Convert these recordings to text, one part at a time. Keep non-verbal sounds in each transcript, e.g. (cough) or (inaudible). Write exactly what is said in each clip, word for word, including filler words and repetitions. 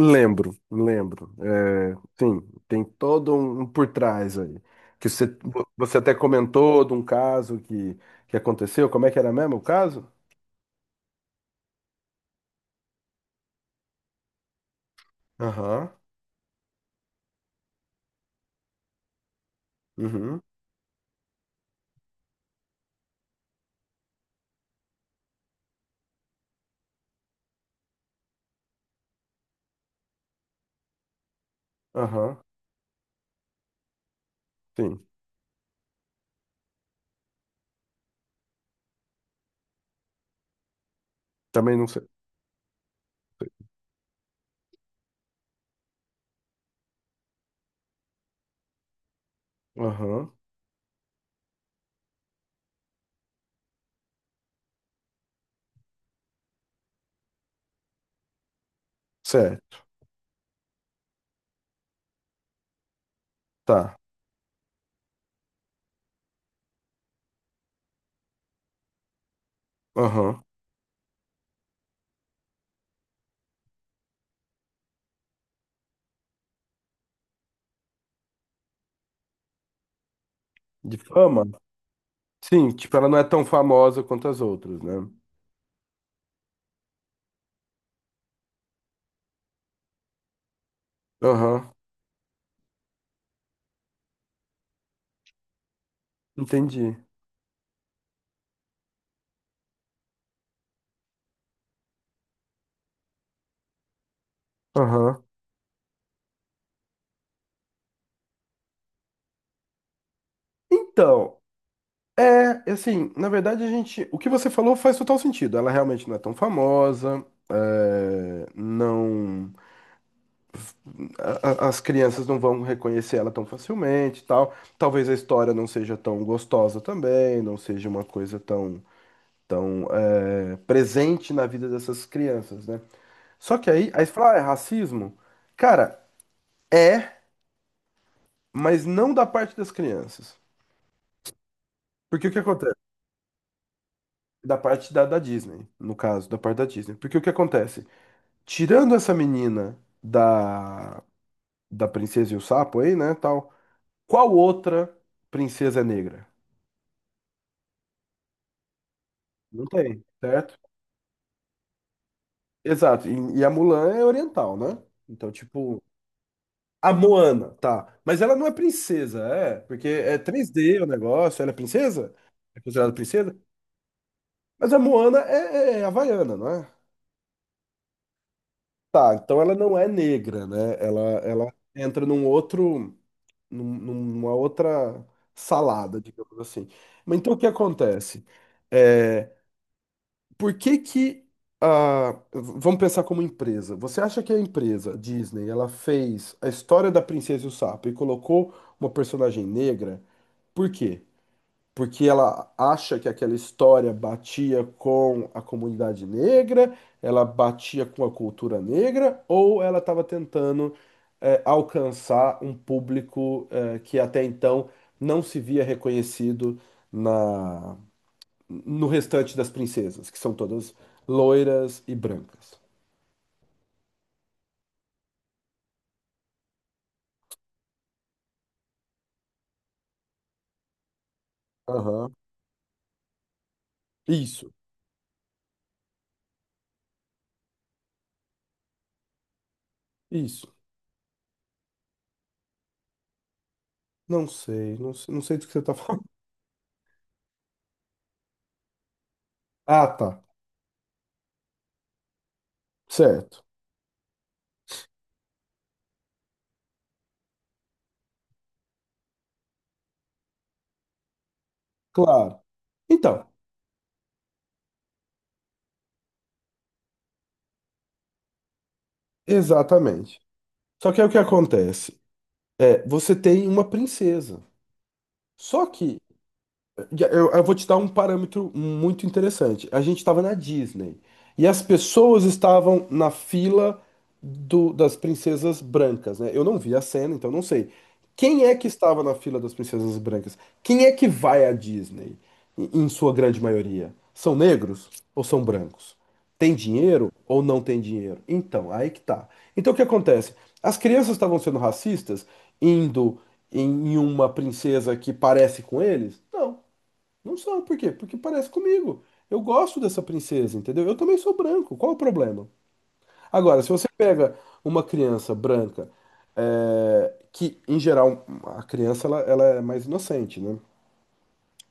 Lembro, lembro. É, sim, tem todo um um por trás aí. Que você, você até comentou de um caso que, que aconteceu. Como é que era mesmo o caso? Aham, uhum, aham, sim. Também não sei. Aham, certo, tá. Aham. De fama? Sim, tipo, ela não é tão famosa quanto as outras, né? Aham, entendi. Aham. Então, É, assim, na verdade a gente, o que você falou faz total sentido. Ela realmente não é tão famosa, é, não, a- a- as crianças não vão reconhecer ela tão facilmente, e tal. Talvez a história não seja tão gostosa também, não seja uma coisa tão, tão é, presente na vida dessas crianças, né? Só que aí, aí você fala, ah, é racismo? Cara, é, mas não da parte das crianças. Porque o que acontece? Da parte da, da Disney, no caso, da parte da Disney. Porque o que acontece? Tirando essa menina da, da Princesa e o Sapo aí, né, tal, qual outra princesa é negra? Não tem, certo? Exato. E, e a Mulan é oriental, né? Então, tipo, a Moana, tá. Mas ela não é princesa, é, porque é três d o negócio, ela é princesa? É considerada princesa? Mas a Moana é, é é havaiana, não é? Tá, então ela não é negra, né? Ela, ela entra num outro. num- numa outra salada, digamos assim. Mas então o que acontece? É, por que que a, v- vamos pensar como empresa. Você acha que a empresa Disney, ela fez a história da Princesa e o Sapo e colocou uma personagem negra? Por quê? Porque ela acha que aquela história batia com a comunidade negra, ela batia com a cultura negra, ou ela estava tentando eh, alcançar um público eh, que até então não se via reconhecido na no restante das princesas, que são todas loiras e brancas. Aham. Isso, isso. Não sei, não sei, não sei do que você está falando. (laughs) Ah, tá. Certo. Claro. Então, exatamente. Só que é o que acontece. É, você tem uma princesa. Só que e Eu, eu vou te dar um parâmetro muito interessante. A gente estava na Disney e as pessoas estavam na fila do- das princesas brancas, né? Eu não vi a cena, então não sei. Quem é que estava na fila das princesas brancas? Quem é que vai à Disney, em em sua grande maioria? São negros ou são brancos? Tem dinheiro ou não tem dinheiro? Então, aí que tá. Então, o que acontece? As crianças estavam sendo racistas indo em em uma princesa que parece com eles? Não. Não são, por quê? Porque parece comigo. Eu gosto dessa princesa, entendeu? Eu também sou branco, qual o problema? Agora, se você pega uma criança branca, é, que em geral a criança ela, ela é mais inocente, né?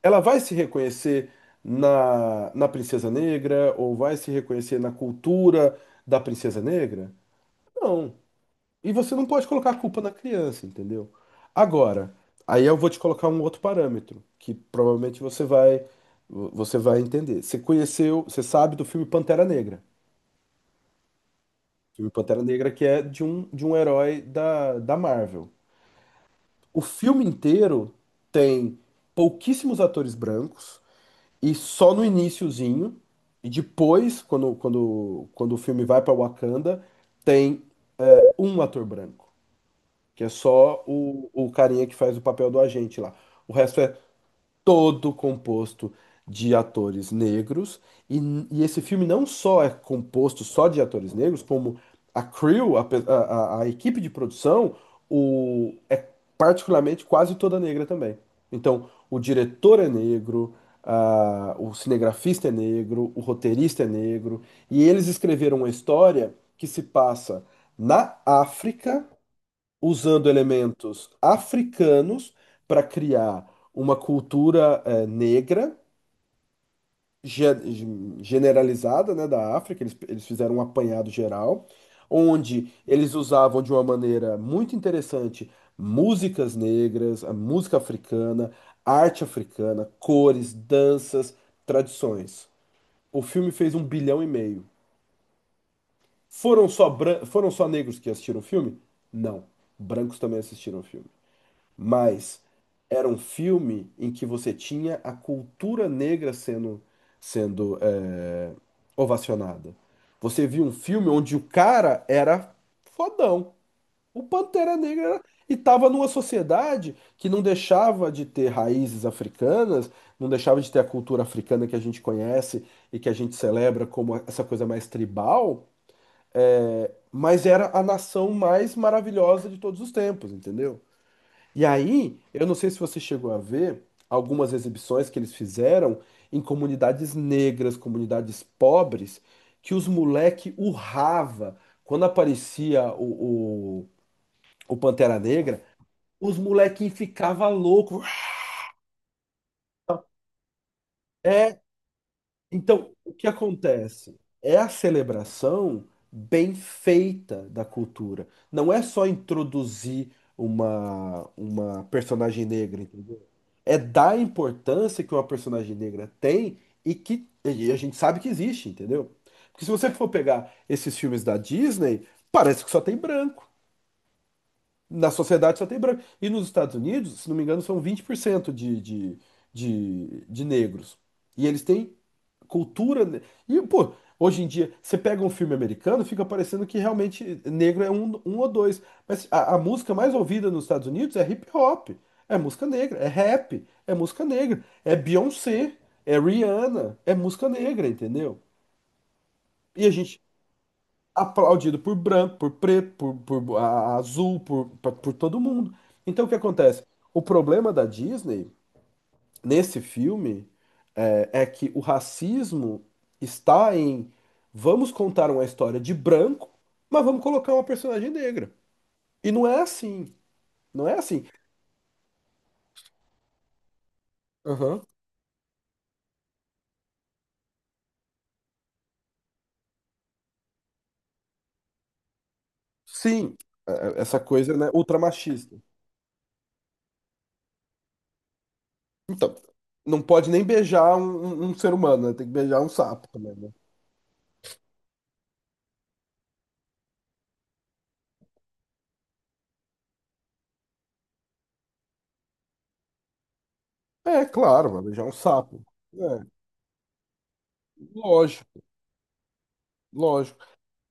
Ela vai se reconhecer na, na princesa negra ou vai se reconhecer na cultura da princesa negra? Não. E você não pode colocar a culpa na criança, entendeu? Agora, aí eu vou te colocar um outro parâmetro, que provavelmente você vai você vai entender. Você conheceu, você sabe do filme Pantera Negra. O filme Pantera Negra que é de um, de um herói da, da Marvel. O filme inteiro tem pouquíssimos atores brancos e só no iniciozinho e depois, quando, quando, quando o filme vai para Wakanda, tem um ator branco. Que é só o, o carinha que faz o papel do agente lá. O resto é todo composto de atores negros. E, e esse filme não só é composto só de atores negros, como a crew, a, pe- a, a- a equipe de produção, o, é particularmente quase toda negra também. Então, o diretor é negro, ah, o cinegrafista é negro, o roteirista é negro. E eles escreveram uma história que se passa na África usando elementos africanos para criar uma cultura eh, negra ge- generalizada, né, da África. Eles, eles fizeram um apanhado geral, onde eles usavam de uma maneira muito interessante músicas negras, a música africana, arte africana, cores, danças, tradições. O filme fez um bilhão e meio. Foram só, bran- foram só negros que assistiram o filme? Não. Brancos também assistiram o filme. Mas era um filme em que você tinha a cultura negra sendo, sendo é, ovacionada. Você viu um filme onde o cara era fodão. O Pantera Negra era. E estava numa sociedade que não deixava de ter raízes africanas, não deixava de ter a cultura africana que a gente conhece e que a gente celebra como essa coisa mais tribal, é, mas era a nação mais maravilhosa de todos os tempos, entendeu? E aí, eu não sei se você chegou a ver algumas exibições que eles fizeram em comunidades negras, comunidades pobres, que os moleque urrava. Quando aparecia o, o, o Pantera Negra, os molequinhos ficavam loucos. É, Então, o que acontece? É a celebração bem feita da cultura. Não é só introduzir uma, uma personagem negra, entendeu? É dar a importância que uma personagem negra tem e que e a gente sabe que existe, entendeu? Porque se você for pegar esses filmes da Disney, parece que só tem branco. Na sociedade só tem branco. E nos Estados Unidos, se não me engano, são vinte por cento de, de, de, de negros. E eles têm cultura. ne- E, pô, hoje em dia, você pega um filme americano, fica parecendo que realmente negro é um, um ou dois. Mas a, a música mais ouvida nos Estados Unidos é hip hop, é música negra, é rap, é música negra, é Beyoncé, é Rihanna, é música negra, entendeu? E a gente aplaudido por branco, por preto, por, por a- azul, por, por, por todo mundo. Então o que acontece? O problema da Disney nesse filme é, é que o racismo está em vamos contar uma história de branco, mas vamos colocar uma personagem negra. E não é assim, não é assim. Aham. Sim, é- é essa coisa, né, ultramachista. Então, não pode nem beijar um, um- um ser humano, né? Tem que beijar um sapo também, né? É, claro, vai beijar um sapo. Lógico, lógico.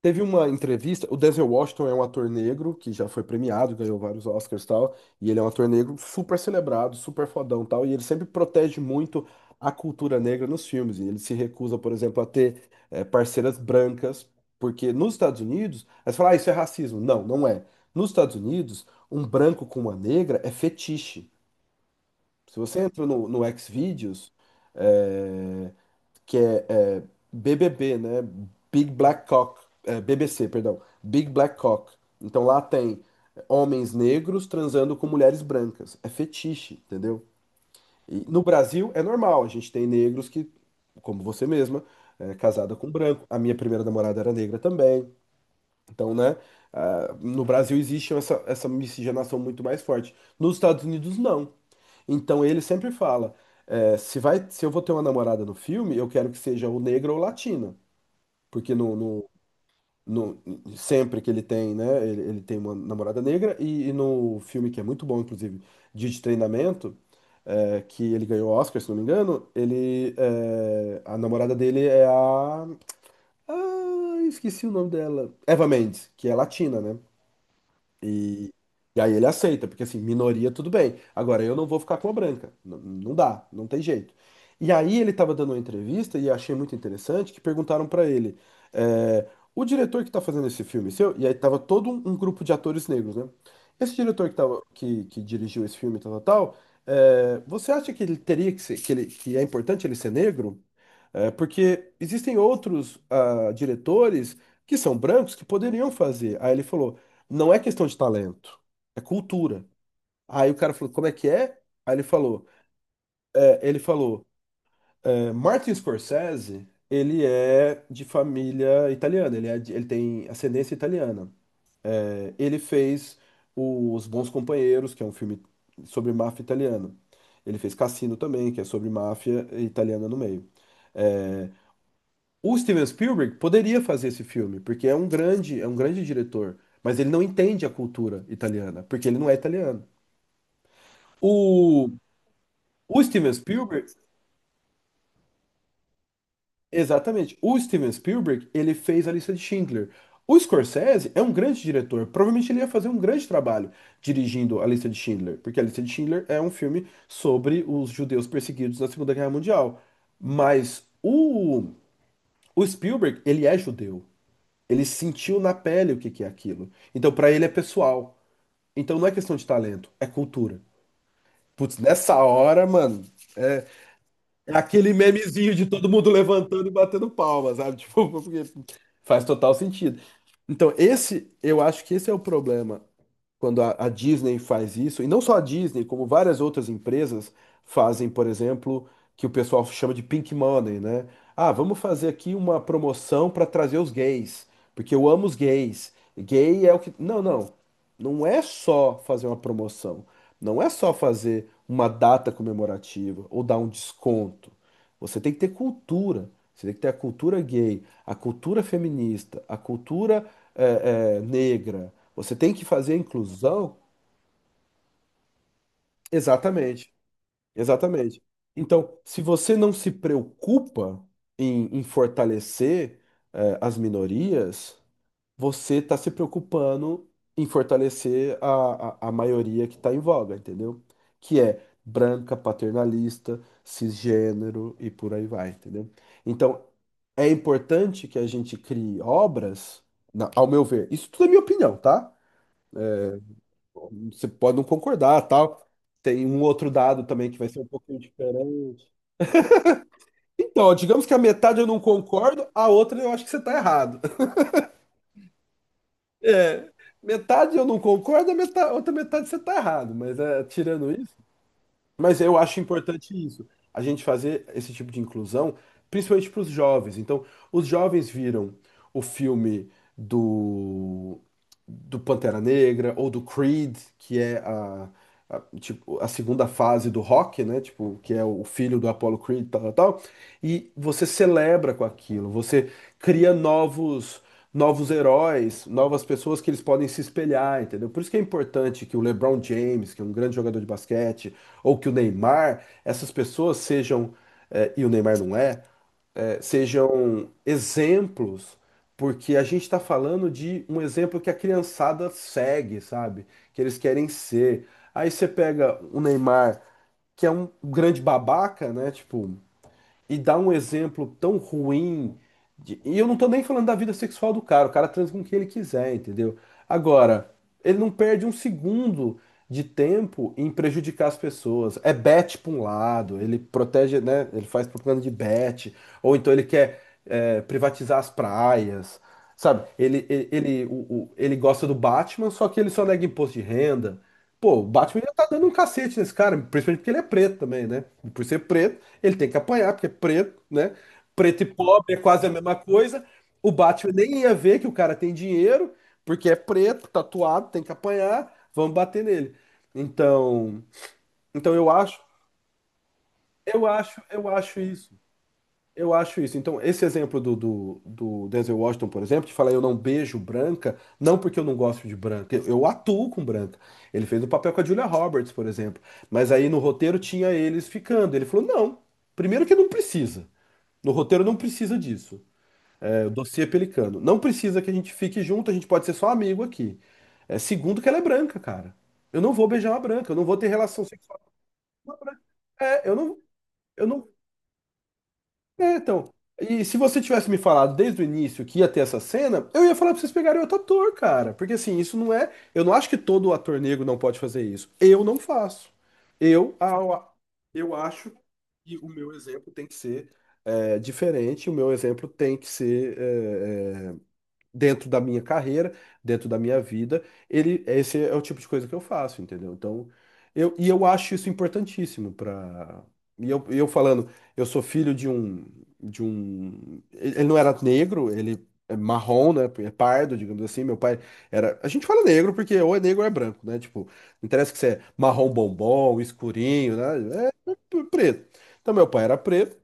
Teve uma entrevista, o Denzel Washington é um ator negro que já foi premiado, ganhou vários Oscars e tal, e ele é um ator negro super celebrado, super fodão e tal, e ele sempre protege muito a cultura negra nos filmes, e ele se recusa, por exemplo, a ter eh, parceiras brancas, porque nos Estados Unidos, aí você fala, ah, isso é racismo. Não, não é. Nos Estados Unidos, um branco com uma negra é fetiche. Se você entra no, no Xvideos, eh, que é, é, B B B, né? Big Black Cock, é, B B C, perdão, Big Black Cock. Então lá tem homens negros transando com mulheres brancas. É fetiche, entendeu? E no Brasil é normal, a gente tem negros que, como você mesma, é casada com branco. A minha primeira namorada era negra também. Então, né? Ah, no Brasil existe essa, essa miscigenação muito mais forte. Nos Estados Unidos, não. Então ele sempre fala: é, se vai, se eu vou ter uma namorada no filme, eu quero que seja ou negra ou latina. Porque no, no, no- sempre que ele tem, né? Ele, ele tem uma namorada negra, e, e no filme que é muito bom, inclusive, Dia de Treinamento, é, que ele ganhou Oscar, se não me engano, ele, é, a namorada dele é a. Ah, esqueci o nome dela. Eva Mendes, que é latina, né? E, e aí ele aceita, porque assim, minoria tudo bem. Agora eu não vou ficar com a branca. N- não dá, não tem jeito. E aí ele estava dando uma entrevista e achei muito interessante que perguntaram para ele, é, o diretor que está fazendo esse filme seu, e aí tava todo um, um grupo de atores negros, né? Esse diretor que, tava, que, que dirigiu esse filme, tal, tal, tal, é, você acha que ele teria que ser, que ele, que é importante ele ser negro? É, porque existem outros ah, diretores que são brancos que poderiam fazer. Aí ele falou: não é questão de talento, é cultura. Aí o cara falou: como é que é? Aí ele falou: é, ele falou, é, Martin Scorsese, ele é de família italiana, ele, é de- ele tem ascendência italiana. É, ele fez Os Bons Companheiros, que é um filme sobre máfia italiana. Ele fez Cassino também, que é sobre máfia italiana no meio. É, o Steven Spielberg poderia fazer esse filme, porque é um grande, é um grande diretor, mas ele não entende a cultura italiana, porque ele não é italiano. O, o Steven Spielberg, exatamente, o Steven Spielberg, ele fez a lista de Schindler. O Scorsese é um grande diretor, provavelmente ele ia fazer um grande trabalho dirigindo a lista de Schindler, porque a lista de Schindler é um filme sobre os judeus perseguidos na Segunda Guerra Mundial. Mas o O Spielberg, ele é judeu. Ele sentiu na pele o que que é aquilo. Então, pra ele é pessoal. Então, não é questão de talento, é cultura. Putz, nessa hora, mano, é, é aquele memezinho de todo mundo levantando e batendo palmas, sabe? (laughs) Tipo, porque faz total sentido. Então, esse, eu acho que esse é o problema quando a, a Disney faz isso, e não só a Disney, como várias outras empresas fazem, por exemplo, que o pessoal chama de pink money, né? Ah, vamos fazer aqui uma promoção para trazer os gays, porque eu amo os gays. Gay é o que. Não, não. Não é só fazer uma promoção. Não é só fazer uma data comemorativa ou dar um desconto. Você tem que ter cultura. Você tem que ter a cultura gay, a cultura feminista, a cultura eh, eh, negra. Você tem que fazer a inclusão. Exatamente, exatamente. Então, se você não se preocupa em, em fortalecer, eh, as minorias, você está se preocupando em fortalecer a, a, a maioria que está em voga, entendeu? Que é branca, paternalista, cisgênero e por aí vai, entendeu? Então, é importante que a gente crie obras, na- ao meu ver, isso tudo é minha opinião, tá? Você pode não concordar, tal. Tem um outro dado também que vai ser um pouquinho diferente. Então, digamos que a metade eu não concordo, a outra eu acho que você está errado. (laughs) É, metade eu não concordo, a meta- outra metade você está errado. Mas é, tirando isso. Mas eu acho importante isso, a gente fazer esse tipo de inclusão, principalmente para os jovens. Então, os jovens viram o filme do, do Pantera Negra ou do Creed, que é a, a, tipo, a segunda fase do rock, né? Tipo, que é o filho do Apollo Creed, tal, tal, tal. E você celebra com aquilo, você cria novos. Novos heróis, novas pessoas que eles podem se espelhar, entendeu? Por isso que é importante que o LeBron James, que é um grande jogador de basquete, ou que o Neymar, essas pessoas sejam, eh, e o Neymar não é, eh, sejam exemplos, porque a gente está falando de um exemplo que a criançada segue, sabe? Que eles querem ser. Aí você pega o Neymar, que é um grande babaca, né? Tipo, e dá um exemplo tão ruim. de- E eu não tô nem falando da vida sexual do cara, o cara transa com quem ele quiser, entendeu? Agora, ele não perde um segundo de tempo em prejudicar as pessoas. É bet pra um lado, ele protege, né? Ele faz propaganda de bet, ou então ele quer é, privatizar as praias. Sabe, ele, ele, ele, o- o- ele gosta do Batman, só que ele só nega imposto de renda. Pô, o Batman já tá dando um cacete nesse cara, principalmente porque ele é preto também, né? Por ser preto, ele tem que apanhar, porque é preto, né? Preto e pobre é quase a mesma coisa. O Batman nem ia ver que o cara tem dinheiro, porque é preto, tatuado, tem que apanhar, vamos bater nele. Então, então eu acho, eu acho, eu acho isso. Eu acho isso. Então, esse exemplo do, do, do Denzel Washington, por exemplo, de falar eu não beijo branca, não porque eu não gosto de branca, eu, eu atuo com branca. Ele fez o papel com a Julia Roberts, por exemplo. Mas aí no roteiro tinha eles ficando. Ele falou: não, primeiro que não precisa. No roteiro não precisa disso. É, o dossiê é Pelicano. Não precisa que a gente fique junto, a gente pode ser só amigo aqui. É, segundo, que ela é branca, cara. Eu não vou beijar uma branca, eu não vou ter relação sexual com uma branca. É, eu não, eu não. É, então. E se você tivesse me falado desde o início que ia ter essa cena, eu ia falar pra vocês pegarem outro ator, cara. Porque assim, isso não é. Eu não acho que todo ator negro não pode fazer isso. Eu não faço. Eu, a- a- eu acho que o meu exemplo tem que ser. É diferente, o meu exemplo tem que ser é, é, dentro da minha carreira, dentro da minha vida. Ele, esse é o tipo de coisa que eu faço, entendeu? Então, eu, e eu acho isso importantíssimo para. E eu, e eu falando, eu sou filho de um, de um. Ele ele não era negro, ele é marrom, né? É pardo, digamos assim. Meu pai era. A gente fala negro porque ou é negro ou é branco, né? Tipo, não interessa que você é marrom bombom, escurinho, né? É é preto. Então, meu pai era preto.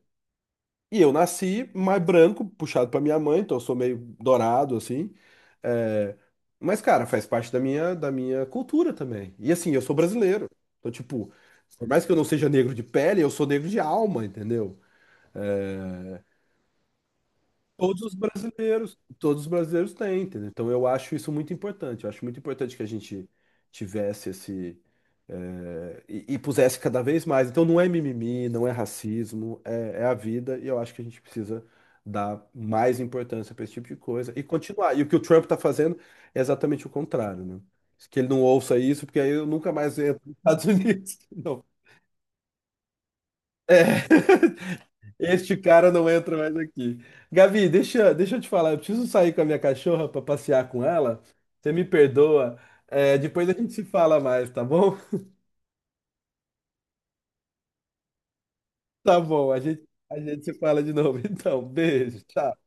E eu nasci mais branco, puxado pra minha mãe, então eu sou meio dourado, assim. É, mas, cara, faz parte da minha, da minha cultura também. E assim, eu sou brasileiro. Então, tipo, por mais que eu não seja negro de pele, eu sou negro de alma, entendeu? Todos os brasileiros, todos os brasileiros têm, entendeu? Então eu acho isso muito importante. Eu acho muito importante que a gente tivesse esse eh, e, e pusesse cada vez mais. Então não é mimimi, não é racismo, é, é a vida e eu acho que a gente precisa dar mais importância para esse tipo de coisa e continuar. E o que o Trump está fazendo é exatamente o contrário, né? Que ele não ouça isso, porque aí eu nunca mais entro nos Estados Unidos. (laughs) Não. É. (laughs) Este cara não entra mais aqui. Gabi, deixa, deixa eu te falar. Eu preciso sair com a minha cachorra para passear com ela. Você me perdoa. É, depois a gente se fala mais, tá bom? (laughs) Tá bom, a gente, a gente se fala de novo. (laughs) Então, beijo, tchau.